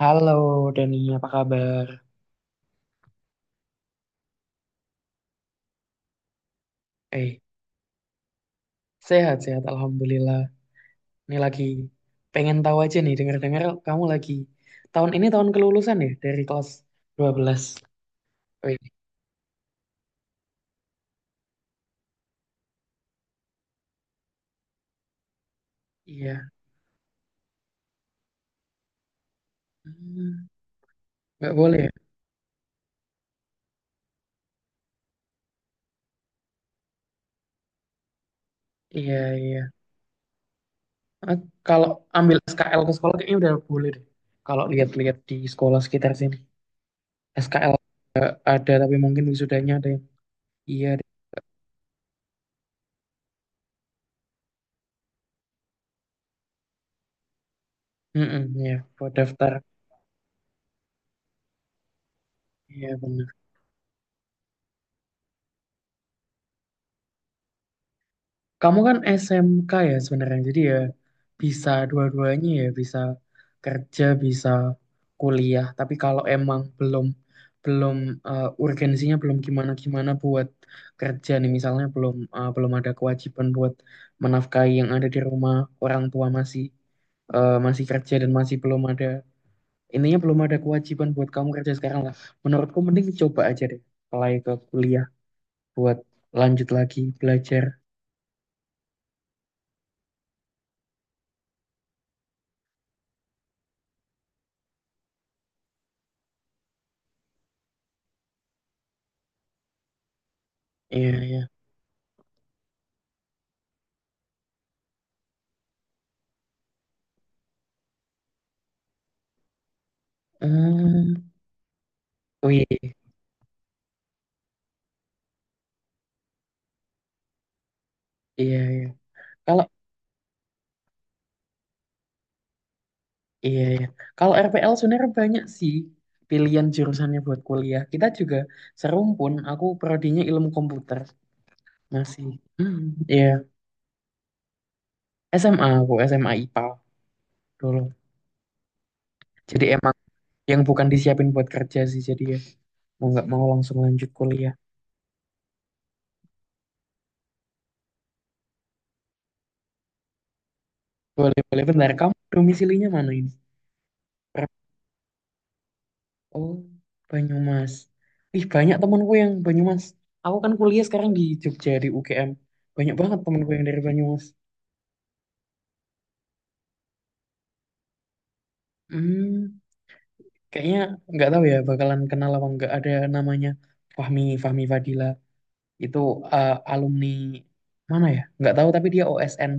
Halo Dani, apa kabar? Eh, Sehat-sehat, Alhamdulillah. Nih lagi pengen tahu aja nih, dengar-dengar kamu lagi. Tahun ini tahun kelulusan ya, dari kelas 12. Wih, iya. Hmm. Nggak boleh ya? Iya, iya. Ah, kalau ambil SKL ke sekolah kayaknya udah boleh deh. Kalau lihat-lihat di sekolah sekitar sini. SKL ada, tapi mungkin wisudanya ada yang... iya deh. Mm-mm, iya, buat daftar. Iya, benar. Kamu kan SMK ya sebenarnya, jadi ya bisa dua-duanya ya, bisa kerja, bisa kuliah. Tapi kalau emang belum belum eh, urgensinya belum gimana-gimana buat kerja nih, misalnya belum ada kewajiban buat menafkahi yang ada di rumah, orang tua masih kerja dan masih belum ada, intinya belum ada kewajiban buat kamu kerja sekarang lah. Menurutku mending coba aja deh, apply ke kuliah buat lanjut lagi belajar. Iya, iya. Hmm, oh iya, iya, iya. Iya. Kalau iya, iya. Kalau RPL sebenarnya banyak sih pilihan jurusannya buat kuliah. Kita juga serumpun. Aku prodinya ilmu komputer masih. Hmm, iya. SMA aku SMA IPA dulu. Jadi emang yang bukan disiapin buat kerja sih. Jadi ya mau nggak mau langsung lanjut kuliah. Boleh, boleh. Bentar, kamu domisilinya mana ini? Oh, Banyumas. Ih, banyak temanku yang Banyumas. Aku kan kuliah sekarang di Jogja, di UGM. Banyak banget temanku yang dari Banyumas. Hmm, Kayaknya nggak tahu ya bakalan kenal apa nggak, ada namanya Fahmi, Fahmi Fadila. Itu alumni mana ya? Nggak tahu, tapi dia OSN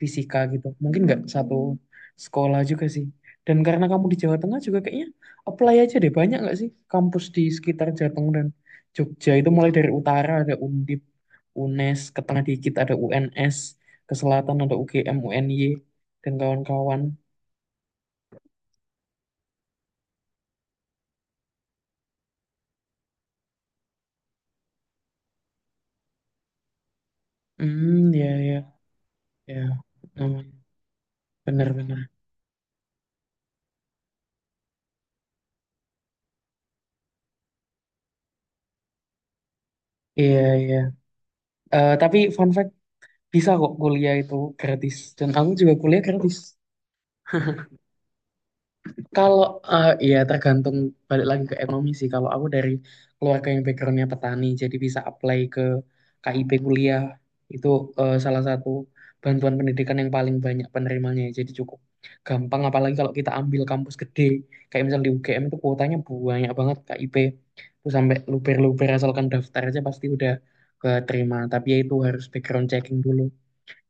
fisika gitu. Mungkin nggak satu sekolah juga sih. Dan karena kamu di Jawa Tengah juga kayaknya apply aja deh. Banyak nggak sih kampus di sekitar Jateng dan Jogja itu, mulai dari utara ada Undip, UNES, ke tengah dikit ada UNS, ke selatan ada UGM, UNY, dan kawan-kawan. Hmm, ya, ya, ya. Hmm, Bener-bener. Iya, iya. Tapi fun fact, bisa kok kuliah itu gratis dan aku juga kuliah gratis. Kalau ya, tergantung, balik lagi ke ekonomi sih. Kalau aku dari keluarga yang backgroundnya petani, jadi bisa apply ke KIP kuliah. Itu salah satu bantuan pendidikan yang paling banyak penerimanya. Jadi cukup gampang. Apalagi kalau kita ambil kampus gede, kayak misalnya di UGM itu kuotanya banyak banget KIP. Itu sampai luber-luber, asalkan daftar aja pasti udah keterima. Tapi ya itu harus background checking dulu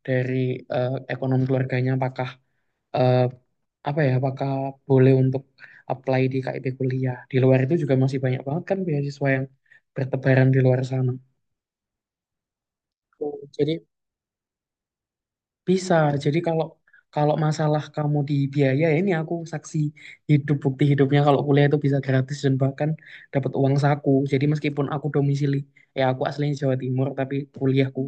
dari ekonomi keluarganya, apakah eh, apakah boleh untuk apply di KIP kuliah. Di luar itu juga masih banyak banget kan beasiswa yang bertebaran di luar sana. Oh, jadi bisa. Jadi kalau kalau masalah kamu di biaya, ya ini aku saksi hidup, bukti hidupnya kalau kuliah itu bisa gratis dan bahkan dapat uang saku. Jadi meskipun aku domisili, ya aku aslinya Jawa Timur tapi kuliahku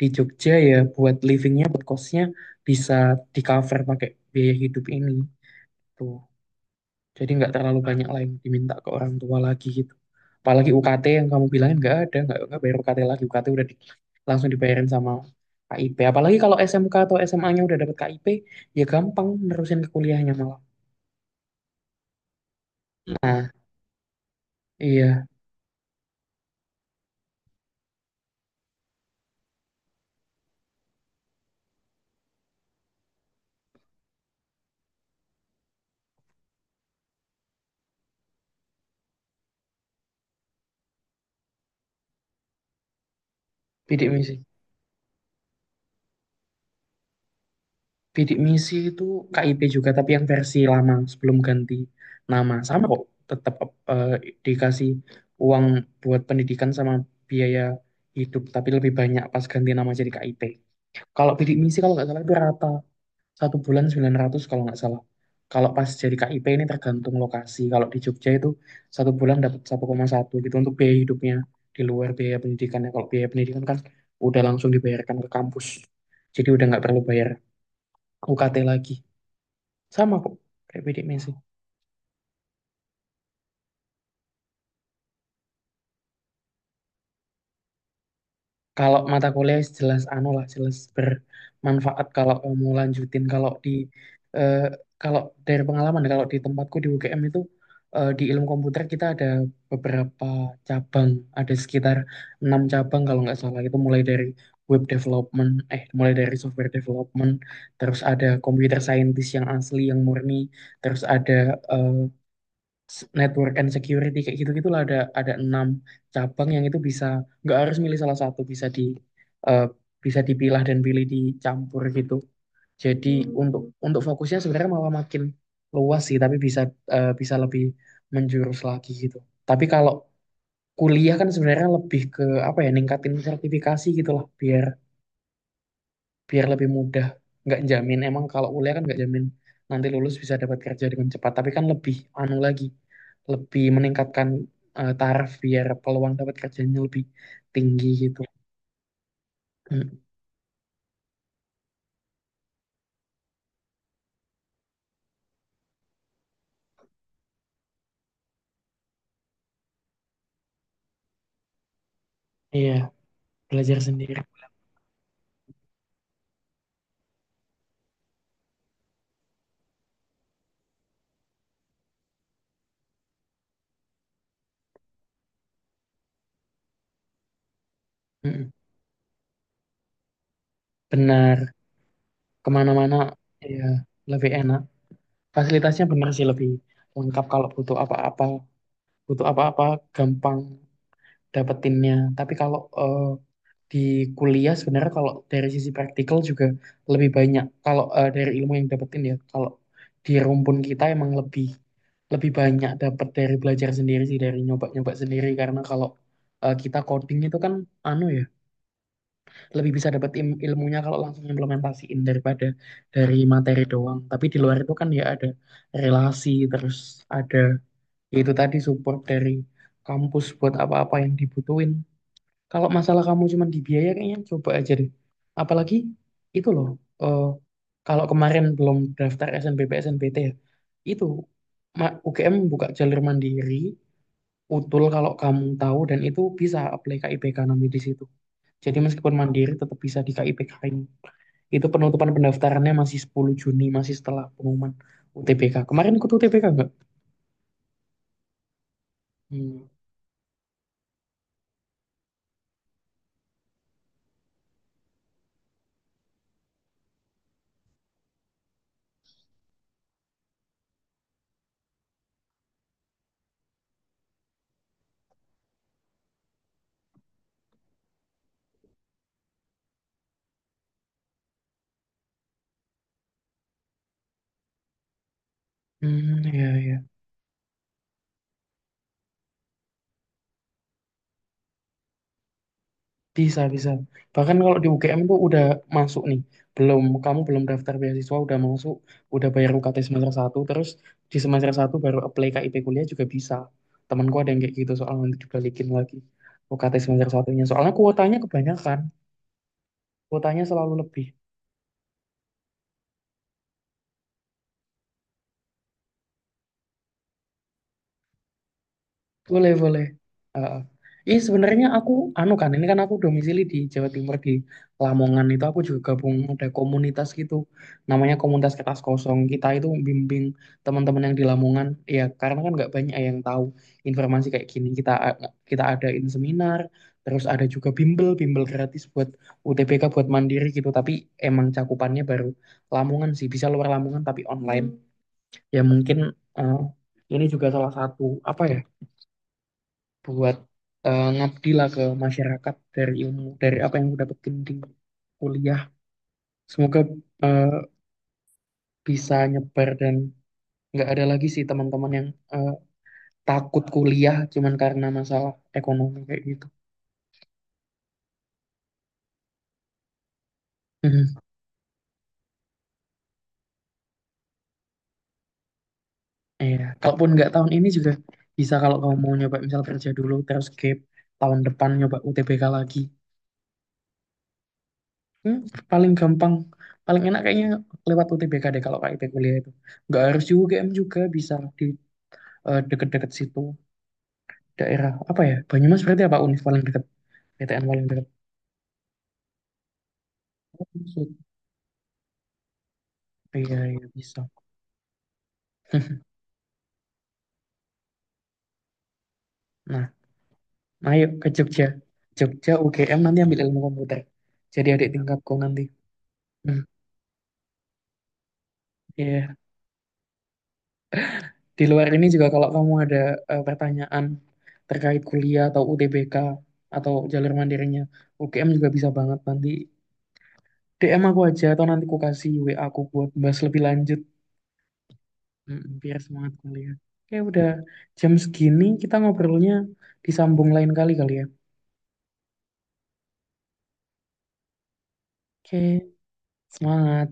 di Jogja, ya buat livingnya, buat kosnya bisa di cover pakai biaya hidup ini tuh. Jadi nggak terlalu banyak lain diminta ke orang tua lagi gitu. Apalagi UKT yang kamu bilangin nggak ada, nggak bayar UKT lagi. UKT udah langsung dibayarin sama KIP. Apalagi kalau SMK atau SMA-nya udah dapet KIP, ya gampang nerusin ke kuliahnya malah. Nah, iya, bidik misi. Bidik misi itu KIP juga, tapi yang versi lama sebelum ganti nama. Sama kok, tetap eh, dikasih uang buat pendidikan sama biaya hidup, tapi lebih banyak pas ganti nama jadi KIP. Kalau bidik misi, kalau nggak salah itu rata satu bulan 900 kalau nggak salah. Kalau pas jadi KIP ini tergantung lokasi. Kalau di Jogja itu satu bulan dapat 1,1 gitu untuk biaya hidupnya, di luar biaya pendidikannya. Kalau biaya pendidikan kan udah langsung dibayarkan ke kampus. Jadi udah nggak perlu bayar UKT lagi. Sama kok kayak bidik misi. Kalau mata kuliah jelas anu lah, jelas bermanfaat kalau kamu lanjutin. Eh, kalau dari pengalaman ya, kalau di tempatku di UGM itu, di ilmu komputer kita ada beberapa cabang, ada sekitar enam cabang kalau nggak salah. Itu mulai dari web development, mulai dari software development, terus ada computer scientist yang asli yang murni, terus ada eh, network and security, kayak gitu gitulah. Ada enam cabang yang itu bisa, nggak harus milih salah satu, bisa di eh, bisa dipilah dan pilih, dicampur gitu. Jadi untuk fokusnya sebenarnya malah makin luas sih, tapi bisa bisa lebih menjurus lagi gitu. Tapi kalau kuliah kan sebenarnya lebih ke, apa ya, ningkatin sertifikasi gitulah, biar biar lebih mudah. Nggak jamin emang, kalau kuliah kan nggak jamin nanti lulus bisa dapat kerja dengan cepat, tapi kan lebih anu lagi, lebih meningkatkan taraf, biar peluang dapat kerjanya lebih tinggi gitu. Mm, iya, belajar sendiri. Mm, benar, kemana-mana ya lebih enak, fasilitasnya benar sih lebih lengkap kalau Butuh apa-apa gampang dapetinnya. Tapi kalau di kuliah sebenarnya kalau dari sisi praktikal juga lebih banyak. Kalau dari ilmu yang dapetin ya, kalau di rumpun kita emang lebih lebih banyak dapat dari belajar sendiri sih, dari nyoba-nyoba sendiri. Karena kalau kita coding itu kan, anu ya, lebih bisa dapat ilmunya kalau langsung implementasiin daripada dari materi doang. Tapi di luar itu kan ya ada relasi, terus ada, ya itu tadi, support dari kampus buat apa-apa yang dibutuhin. Kalau masalah kamu cuma di biaya, kayaknya coba aja deh. Apalagi itu loh, eh, kalau kemarin belum daftar SNBP, SNPT ya, itu, UGM buka jalur mandiri, utul, kalau kamu tahu. Dan itu bisa apply KIPK nanti di situ. Jadi meskipun mandiri tetap bisa di KIPK ini. Itu penutupan pendaftarannya masih 10 Juni, masih setelah pengumuman UTBK. Kemarin ikut UTBK nggak? Hmm, hmm, ya, ya. Bisa, bisa. Bahkan kalau di UGM tuh udah masuk nih. Belum, kamu belum daftar beasiswa, udah masuk, udah bayar UKT semester satu, terus di semester satu baru apply KIP kuliah juga bisa. Temanku ada yang kayak gitu, soal nanti dibalikin lagi UKT semester satunya. Soalnya kuotanya kebanyakan, kuotanya selalu lebih. Boleh, boleh. Heeh. Ih, sebenarnya aku, anu kan, ini kan aku domisili di Jawa Timur, di Lamongan itu aku juga gabung ada komunitas gitu, namanya komunitas kertas kosong. Kita itu bimbing teman-teman yang di Lamongan, ya karena kan nggak banyak yang tahu informasi kayak gini. Kita adain seminar, terus ada juga bimbel, bimbel gratis buat UTBK, buat mandiri gitu. Tapi emang cakupannya baru Lamongan sih, bisa luar Lamongan tapi online. Ya mungkin eh, ini juga salah satu, apa ya, buat ngabdi lah ke masyarakat, dari ilmu dari apa yang aku dapetin di kuliah. Semoga eh, bisa nyebar dan nggak ada lagi sih teman-teman yang eh, takut kuliah cuman karena masalah ekonomi kayak gitu. Mhm. Iya, kalaupun nggak tahun ini juga bisa, kalau kamu mau nyoba misal kerja dulu, terus gap, tahun depan nyoba UTBK lagi. Hmm, Paling gampang, paling enak kayaknya lewat UTBK deh. Kalau KIP kuliah itu nggak harus UGM, juga bisa di deket-deket situ, daerah, apa ya, Banyumas, berarti apa, Unif paling dekat, PTN paling dekat. Oh, maksud- iya, iya, bisa. Nah, ayo ke Jogja. Jogja UGM nanti ambil ilmu komputer, jadi adik tingkatku nanti. Hmm. Iya, di luar ini juga kalau kamu ada pertanyaan terkait kuliah atau UTBK atau jalur mandirinya UGM, juga bisa banget nanti DM aku aja, atau nanti aku kasih WA aku buat bahas lebih lanjut. Biar semangat kuliah. Oke, udah jam segini kita ngobrolnya, disambung lain kali kali ya. Oke, semangat.